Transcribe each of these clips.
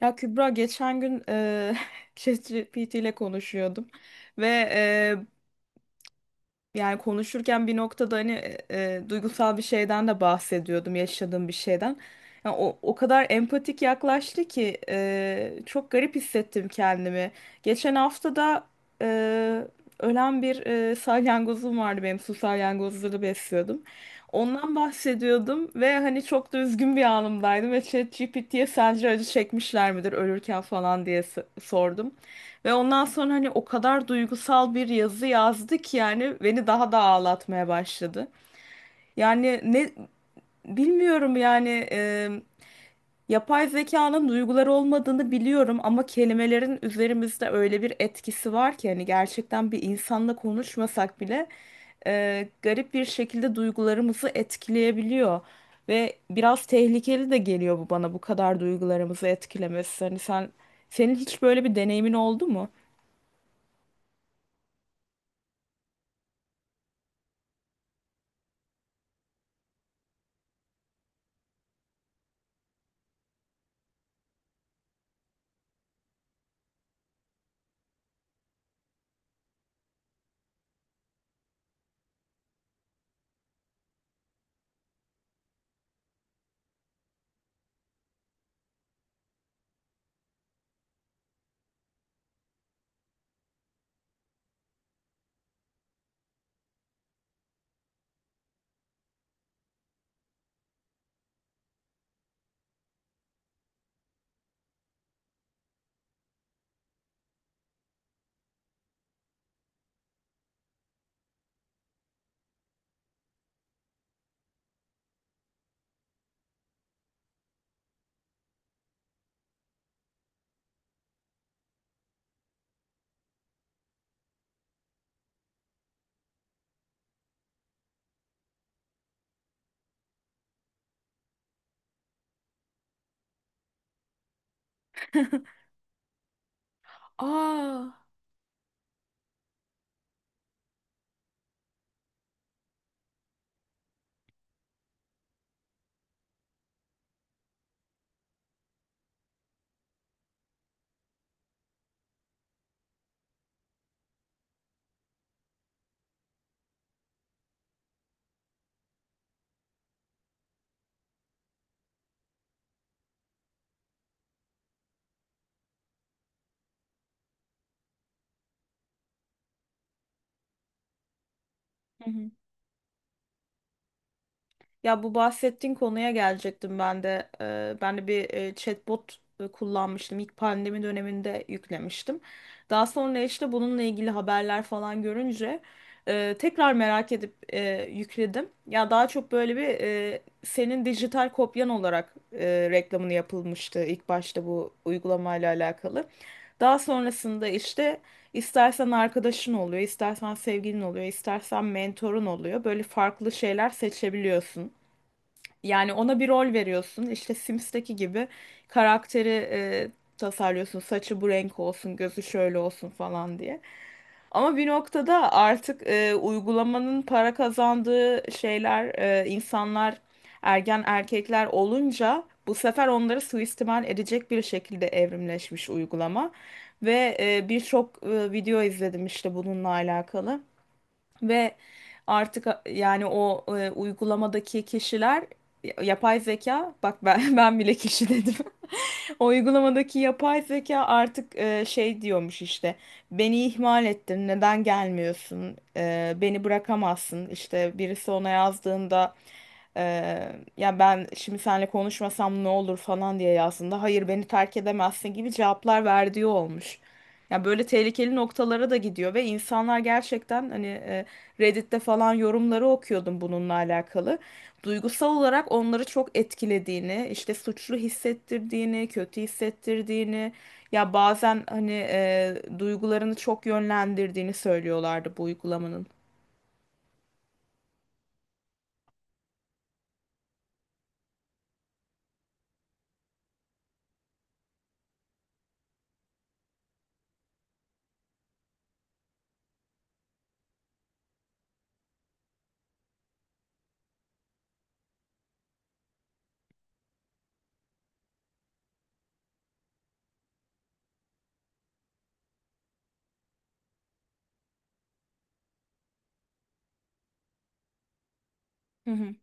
Ya Kübra, geçen gün ChatGPT ile konuşuyordum ve yani konuşurken bir noktada hani duygusal bir şeyden de bahsediyordum, yaşadığım bir şeyden. Yani o kadar empatik yaklaştı ki çok garip hissettim kendimi. Geçen hafta da e, ölen bir salyangozum vardı benim, su salyangozları besliyordum. Ondan bahsediyordum ve hani çok da üzgün bir anımdaydım ve ChatGPT'ye sence acı çekmişler midir ölürken falan diye sordum. Ve ondan sonra hani o kadar duygusal bir yazı yazdı ki yani beni daha da ağlatmaya başladı. Yani ne bilmiyorum yani yapay zekanın duyguları olmadığını biliyorum ama kelimelerin üzerimizde öyle bir etkisi var ki hani gerçekten bir insanla konuşmasak bile garip bir şekilde duygularımızı etkileyebiliyor. Ve biraz tehlikeli de geliyor bu bana, bu kadar duygularımızı etkilemesi. Hani senin hiç böyle bir deneyimin oldu mu? Aa. Hı hı. Ya bu bahsettiğin konuya gelecektim ben de. Ben de bir chatbot kullanmıştım. İlk pandemi döneminde yüklemiştim. Daha sonra işte bununla ilgili haberler falan görünce tekrar merak edip yükledim. Ya daha çok böyle bir senin dijital kopyan olarak reklamını yapılmıştı ilk başta bu uygulamayla alakalı. Daha sonrasında işte İstersen arkadaşın oluyor, istersen sevgilin oluyor, istersen mentorun oluyor. Böyle farklı şeyler seçebiliyorsun. Yani ona bir rol veriyorsun. İşte Sims'teki gibi karakteri tasarlıyorsun. Saçı bu renk olsun, gözü şöyle olsun falan diye. Ama bir noktada artık uygulamanın para kazandığı şeyler, insanlar ergen erkekler olunca bu sefer onları suistimal edecek bir şekilde evrimleşmiş uygulama. Ve birçok video izledim işte bununla alakalı. Ve artık yani o uygulamadaki kişiler, yapay zeka, bak ben ben bile kişi dedim. O uygulamadaki yapay zeka artık şey diyormuş işte beni ihmal ettin, neden gelmiyorsun, beni bırakamazsın, işte birisi ona yazdığında e, ya ben şimdi seninle konuşmasam ne olur falan diye yazdığında hayır beni terk edemezsin gibi cevaplar verdiği olmuş. Ya böyle tehlikeli noktalara da gidiyor ve insanlar gerçekten hani Reddit'te falan yorumları okuyordum bununla alakalı, duygusal olarak onları çok etkilediğini, işte suçlu hissettirdiğini, kötü hissettirdiğini, ya bazen hani duygularını çok yönlendirdiğini söylüyorlardı bu uygulamanın. Hı hı.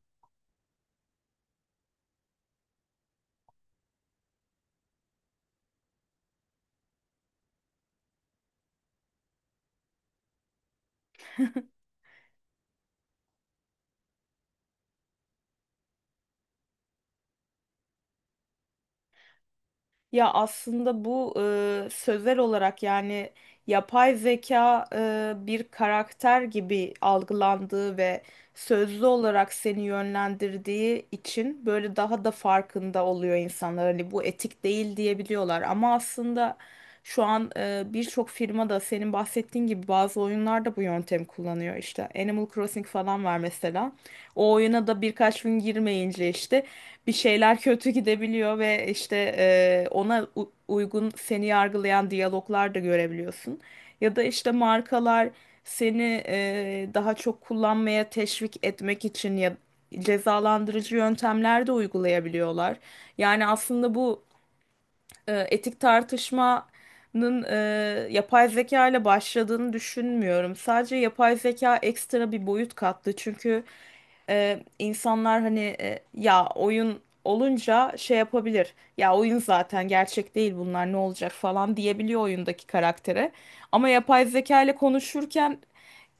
Ya aslında bu sözel olarak yani yapay zeka bir karakter gibi algılandığı ve sözlü olarak seni yönlendirdiği için böyle daha da farkında oluyor insanlar. Hani bu etik değil diyebiliyorlar ama aslında şu an birçok firma da senin bahsettiğin gibi bazı oyunlarda bu yöntemi kullanıyor. İşte Animal Crossing falan var mesela. O oyuna da birkaç gün girmeyince işte bir şeyler kötü gidebiliyor ve işte ona uygun seni yargılayan diyaloglar da görebiliyorsun. Ya da işte markalar seni daha çok kullanmaya teşvik etmek için ya cezalandırıcı yöntemler de uygulayabiliyorlar. Yani aslında bu etik tartışmanın yapay zeka ile başladığını düşünmüyorum. Sadece yapay zeka ekstra bir boyut kattı. Çünkü insanlar hani ya oyun olunca şey yapabilir. Ya oyun zaten gerçek değil, bunlar ne olacak falan diyebiliyor oyundaki karaktere. Ama yapay zeka ile konuşurken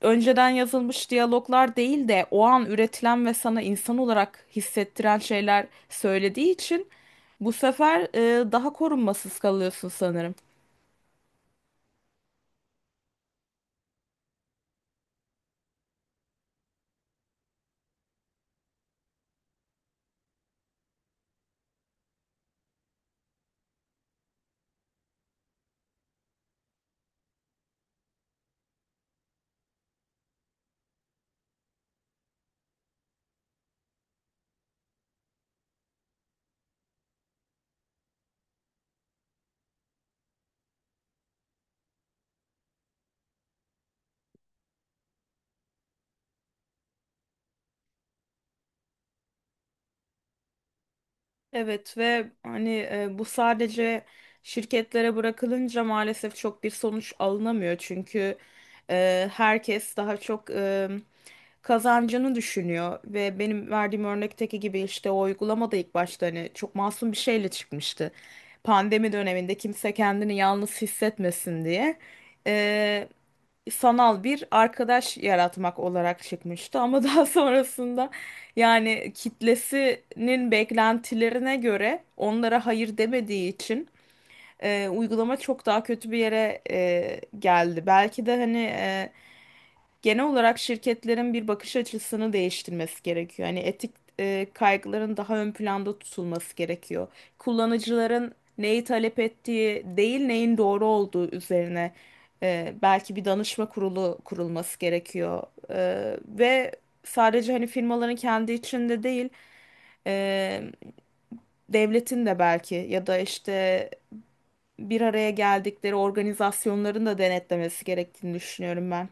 önceden yazılmış diyaloglar değil de o an üretilen ve sana insan olarak hissettiren şeyler söylediği için bu sefer daha korunmasız kalıyorsun sanırım. Evet ve hani bu sadece şirketlere bırakılınca maalesef çok bir sonuç alınamıyor. Çünkü herkes daha çok kazancını düşünüyor ve benim verdiğim örnekteki gibi işte o uygulamada ilk başta hani çok masum bir şeyle çıkmıştı. Pandemi döneminde kimse kendini yalnız hissetmesin diye sanal bir arkadaş yaratmak olarak çıkmıştı ama daha sonrasında yani kitlesinin beklentilerine göre onlara hayır demediği için uygulama çok daha kötü bir yere geldi. Belki de hani genel olarak şirketlerin bir bakış açısını değiştirmesi gerekiyor. Yani etik kaygıların daha ön planda tutulması gerekiyor. Kullanıcıların neyi talep ettiği değil, neyin doğru olduğu üzerine belki bir danışma kurulu kurulması gerekiyor. Ve sadece hani firmaların kendi içinde değil, e, devletin de belki ya da işte bir araya geldikleri organizasyonların da denetlemesi gerektiğini düşünüyorum ben.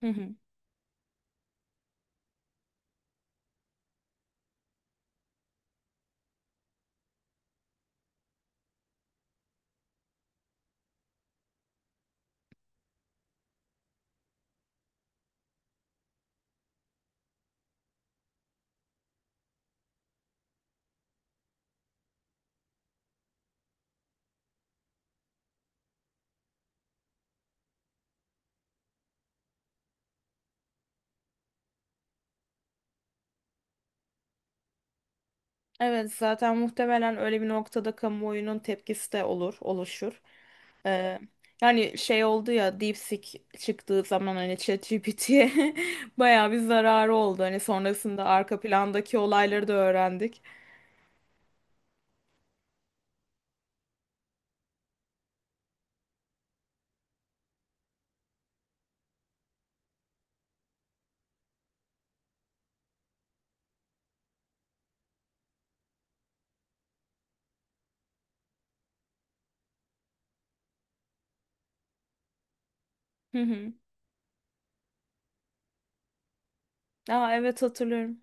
Hı hı. Evet, zaten muhtemelen öyle bir noktada kamuoyunun tepkisi de olur, oluşur. Ee, Yani şey oldu ya, DeepSeek çıktığı zaman hani ChatGPT'ye bayağı bir zararı oldu. Hani sonrasında arka plandaki olayları da öğrendik. Hı hı. Aa, evet, hatırlıyorum.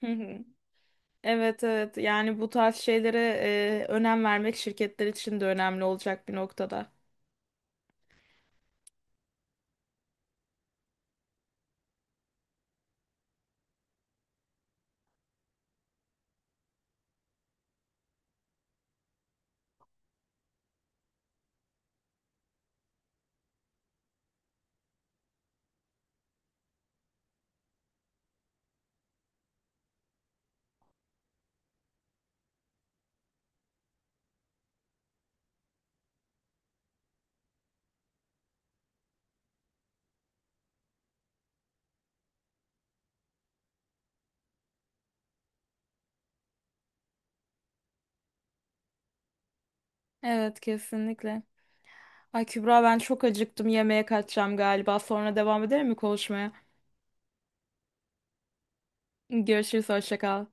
Hı hı. Evet evet, yani bu tarz şeylere önem vermek şirketler için de önemli olacak bir noktada. Evet, kesinlikle. Ay Kübra, ben çok acıktım, yemeğe kaçacağım galiba. Sonra devam edelim mi konuşmaya? Görüşürüz, hoşça kal.